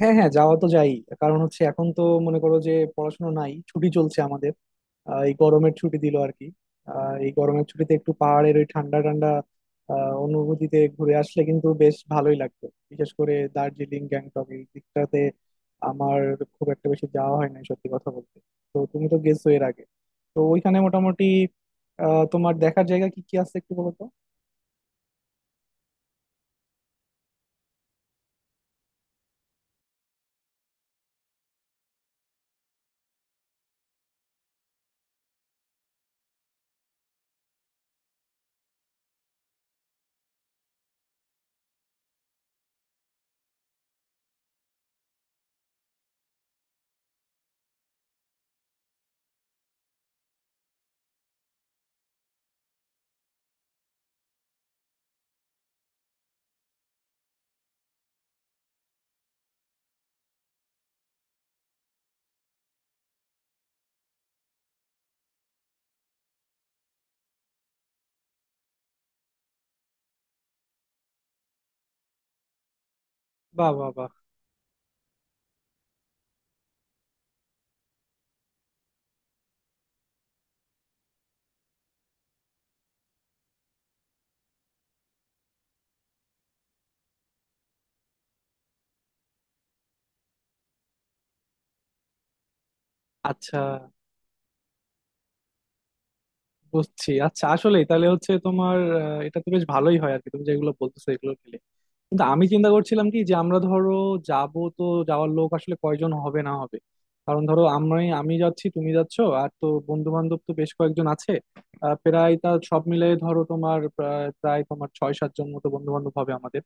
হ্যাঁ হ্যাঁ, যাওয়া তো যাই। কারণ হচ্ছে, এখন তো মনে করো যে পড়াশোনা নাই, ছুটি চলছে আমাদের। এই গরমের ছুটি দিল আর কি। এই গরমের ছুটিতে একটু পাহাড়ের ওই ঠান্ডা ঠান্ডা অনুভূতিতে ঘুরে আসলে কিন্তু বেশ ভালোই লাগবে, বিশেষ করে দার্জিলিং গ্যাংটক এই দিকটাতে। আমার খুব একটা বেশি যাওয়া হয় নাই সত্যি কথা বলতে। তো তুমি তো গেছো এর আগে, তো ওইখানে মোটামুটি আহ, তোমার দেখার জায়গা কি কি আছে একটু বলো তো। বাহ বাহ বাহ। আচ্ছা, বুঝছি। আচ্ছা, আসলেই তাহলে হচ্ছে তোমার এটা তো বেশ ভালোই হয় আর কি, তুমি যেগুলো বলতেছো এগুলো মিলে। কিন্তু আমি চিন্তা করছিলাম কি, যে আমরা ধরো যাব, তো যাওয়ার লোক আসলে কয়জন হবে না হবে। কারণ ধরো আমরা, আমি যাচ্ছি তুমি যাচ্ছো, আর তো বন্ধু বান্ধব তো বেশ কয়েকজন আছে। প্রায় তা সব মিলে ধরো তোমার প্রায় প্রায় তোমার ছয় সাতজন মতো বন্ধু বান্ধব হবে আমাদের।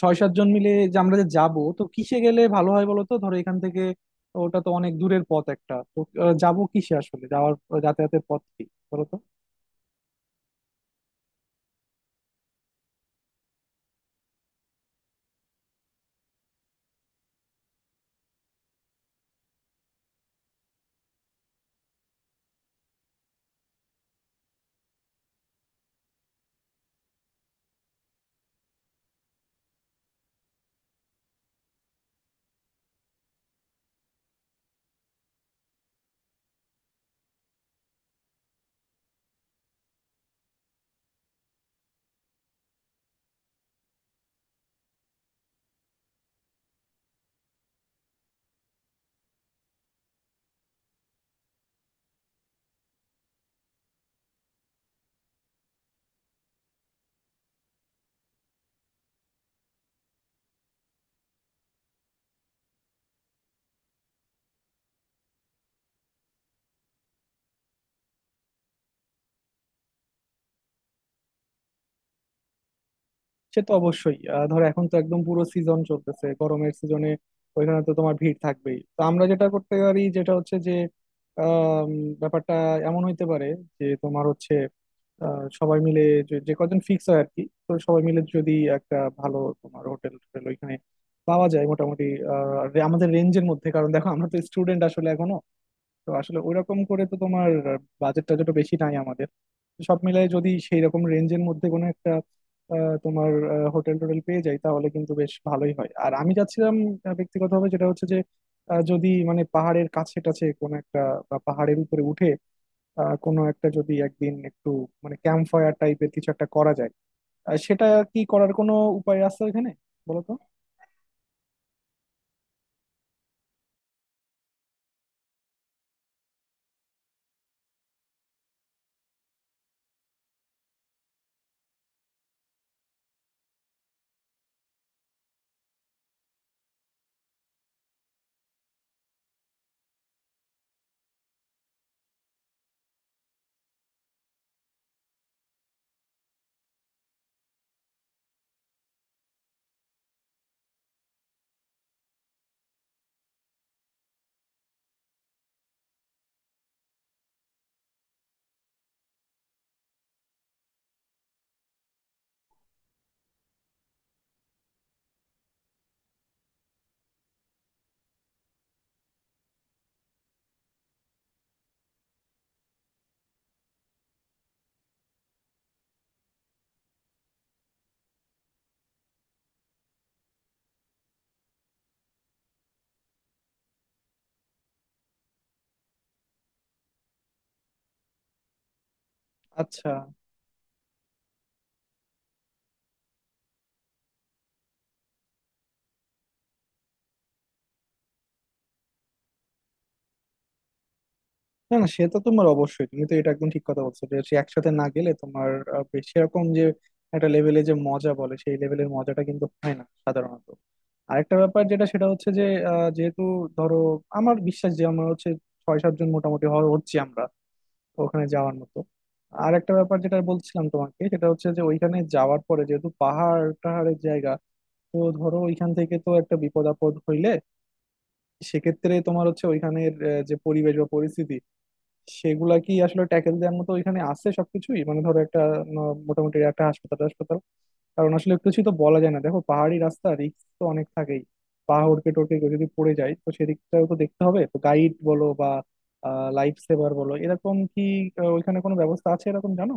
ছয় সাতজন মিলে যে আমরা যে যাব, তো কিসে গেলে ভালো হয় বলো তো, ধরো এখান থেকে। ওটা তো অনেক দূরের পথ একটা তো। যাবো কিসে আসলে, যাওয়ার যাতায়াতের পথ কি বলো তো। সে তো অবশ্যই। ধরো এখন তো একদম পুরো সিজন চলতেছে, গরমের সিজনে ওইখানে তো তোমার ভিড় থাকবেই। তো আমরা যেটা করতে পারি, যেটা হচ্ছে যে আম, ব্যাপারটা এমন হইতে পারে যে তোমার হচ্ছে সবাই মিলে, যে যে কজন ফিক্স হয় আর কি, তো সবাই মিলে যদি একটা ভালো তোমার হোটেল টোটেল ওইখানে পাওয়া যায় মোটামুটি আমাদের রেঞ্জের মধ্যে। কারণ দেখো আমরা তো স্টুডেন্ট আসলে এখনো, তো আসলে ওইরকম করে তো তোমার বাজেট টাজেট বেশি নাই আমাদের। তো সব মিলাই যদি সেই রকম রেঞ্জের মধ্যে কোনো একটা তোমার হোটেল টোটেল পেয়ে যাই, তাহলে কিন্তু বেশ ভালোই হয়। আর আমি যাচ্ছিলাম ব্যক্তিগতভাবে, যেটা হচ্ছে যে যদি মানে পাহাড়ের কাছে টাছে কোনো একটা, বা পাহাড়ের উপরে উঠে কোনো একটা যদি একদিন একটু মানে ক্যাম্প ফায়ার টাইপের কিছু একটা করা যায়, সেটা কি করার কোনো উপায় আছে এখানে বলো তো। আচ্ছা। না না, সে তো তোমার অবশ্যই, তুমি তো এটা একদম ঠিক কথা বলছো যে সে একসাথে না গেলে তোমার বেশ সেরকম যে একটা লেভেলে যে মজা বলে, সেই লেভেলের মজাটা কিন্তু হয় না সাধারণত। আরেকটা ব্যাপার যেটা, সেটা হচ্ছে যে যেহেতু ধরো আমার বিশ্বাস যে আমরা হচ্ছে ছয় সাতজন মোটামুটি হচ্ছি আমরা ওখানে যাওয়ার মতো। আর একটা ব্যাপার যেটা বলছিলাম তোমাকে, সেটা হচ্ছে যে ওইখানে যাওয়ার পরে, যেহেতু পাহাড় টাহাড়ের জায়গা, তো ধরো ওইখান থেকে তো একটা বিপদ আপদ হইলে, সেক্ষেত্রে তোমার হচ্ছে ওইখানের যে পরিবেশ বা পরিস্থিতি, সেগুলা কি আসলে ট্যাকেল দেওয়ার মতো ওইখানে আছে সবকিছুই। মানে ধরো একটা মোটামুটি একটা হাসপাতাল হাসপাতাল, কারণ আসলে কিছু তো বলা যায় না, দেখো পাহাড়ি রাস্তা, রিস্ক তো অনেক থাকেই। পাহাড়কে টোড়কে কেউ যদি পড়ে যায়, তো সেদিকটাও তো দেখতে হবে। তো গাইড বলো বা লাইফ সেভার বলো, এরকম কি ওইখানে কোনো ব্যবস্থা আছে, এরকম জানো?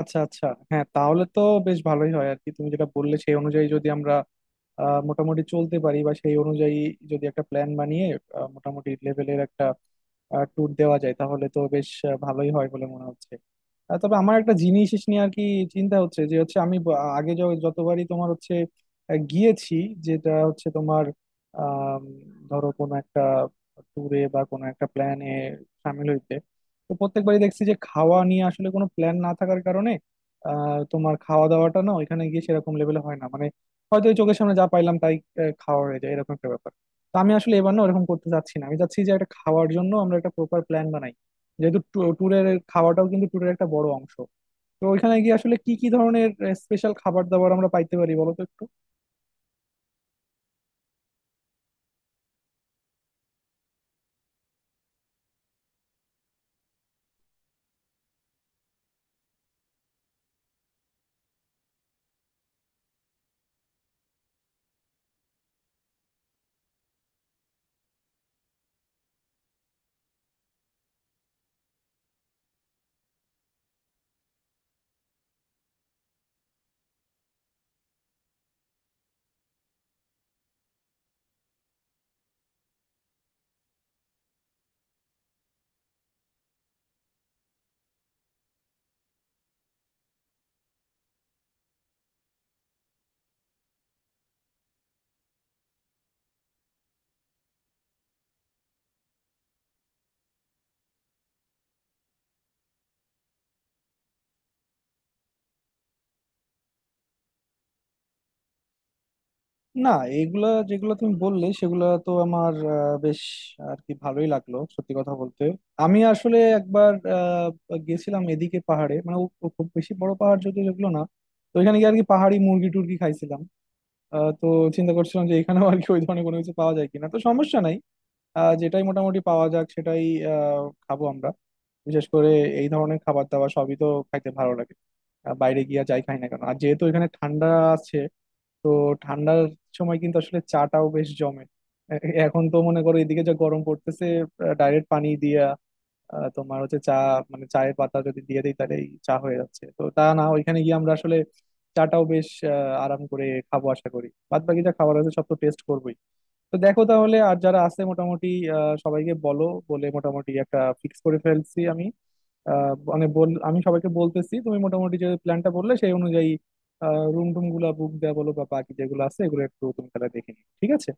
আচ্ছা আচ্ছা, হ্যাঁ তাহলে তো বেশ ভালোই হয় আর কি। তুমি যেটা বললে সেই অনুযায়ী যদি আমরা মোটামুটি চলতে পারি, বা সেই অনুযায়ী যদি একটা প্ল্যান বানিয়ে মোটামুটি লেভেলের একটা ট্যুর দেওয়া যায়, তাহলে তো বেশ ভালোই হয় বলে মনে হচ্ছে। তবে আমার একটা জিনিস নিয়ে আর কি চিন্তা হচ্ছে, যে হচ্ছে আমি আগে যতবারই তোমার হচ্ছে গিয়েছি, যেটা হচ্ছে তোমার আম, ধরো কোনো একটা ট্যুরে বা কোনো একটা প্ল্যানে সামিল হইতে, তো প্রত্যেকবারই দেখছি যে খাওয়া নিয়ে আসলে কোনো প্ল্যান না থাকার কারণে তোমার খাওয়া দাওয়াটা না ওইখানে গিয়ে সেরকম লেভেলে হয় না। মানে হয়তো ওই চোখের সামনে যা পাইলাম তাই খাওয়া হয়ে যায়, এরকম একটা ব্যাপার। তো আমি আসলে এবার না ওরকম করতে চাচ্ছি না, আমি চাচ্ছি যে একটা খাওয়ার জন্য আমরা একটা প্রপার প্ল্যান বানাই, যেহেতু ট্যুরের খাওয়াটাও কিন্তু ট্যুরের একটা বড় অংশ। তো ওইখানে গিয়ে আসলে কি কি ধরনের স্পেশাল খাবার দাবার আমরা পাইতে পারি বলো তো একটু। না, এগুলা যেগুলো তুমি বললে সেগুলা তো আমার বেশ আর কি ভালোই লাগলো সত্যি কথা বলতে। আমি আসলে একবার গেছিলাম এদিকে পাহাড়ে, মানে ও খুব বেশি বড় পাহাড় যদিও যেগুলো না। তো ওইখানে গিয়ে আর কি পাহাড়ি মুরগি টুরগি খাইছিলাম। তো চিন্তা করছিলাম যে এখানেও আর কি ওই ধরনের কোনো কিছু পাওয়া যায় কিনা। তো সমস্যা নাই, যেটাই মোটামুটি পাওয়া যাক সেটাই খাবো আমরা। বিশেষ করে এই ধরনের খাবার দাবার সবই তো খাইতে ভালো লাগে, বাইরে গিয়া যাই খাই না কেন। আর যেহেতু এখানে ঠান্ডা আছে, তো ঠান্ডার সময় কিন্তু আসলে চাটাও বেশ জমে। এ- এখন তো মনে করো এদিকে যা গরম পড়তেছে, ডাইরেক্ট পানি দিয়া তোমার হচ্ছে চা, মানে চায়ের পাতা যদি দিয়ে দিই তাহলে এই চা হয়ে যাচ্ছে। তো তা না, ওইখানে গিয়ে আমরা আসলে চাটাও বেশ আহ, আরাম করে খাবো আশা করি। বাদ বাকি যা খাবার আছে সব তো টেস্ট করবোই। তো দেখো তাহলে, আর যারা আছে মোটামুটি সবাইকে বলো, বলে মোটামুটি একটা ফিক্স করে ফেলছি আমি। মানে বল, আমি সবাইকে বলতেছি, তুমি মোটামুটি যে প্ল্যানটা বললে সেই অনুযায়ী রুম টুম গুলা বুক দেওয়া বলো বা বাকি যেগুলো আছে, এগুলো একটু তুমি তাহলে দেখে নিও, ঠিক আছে?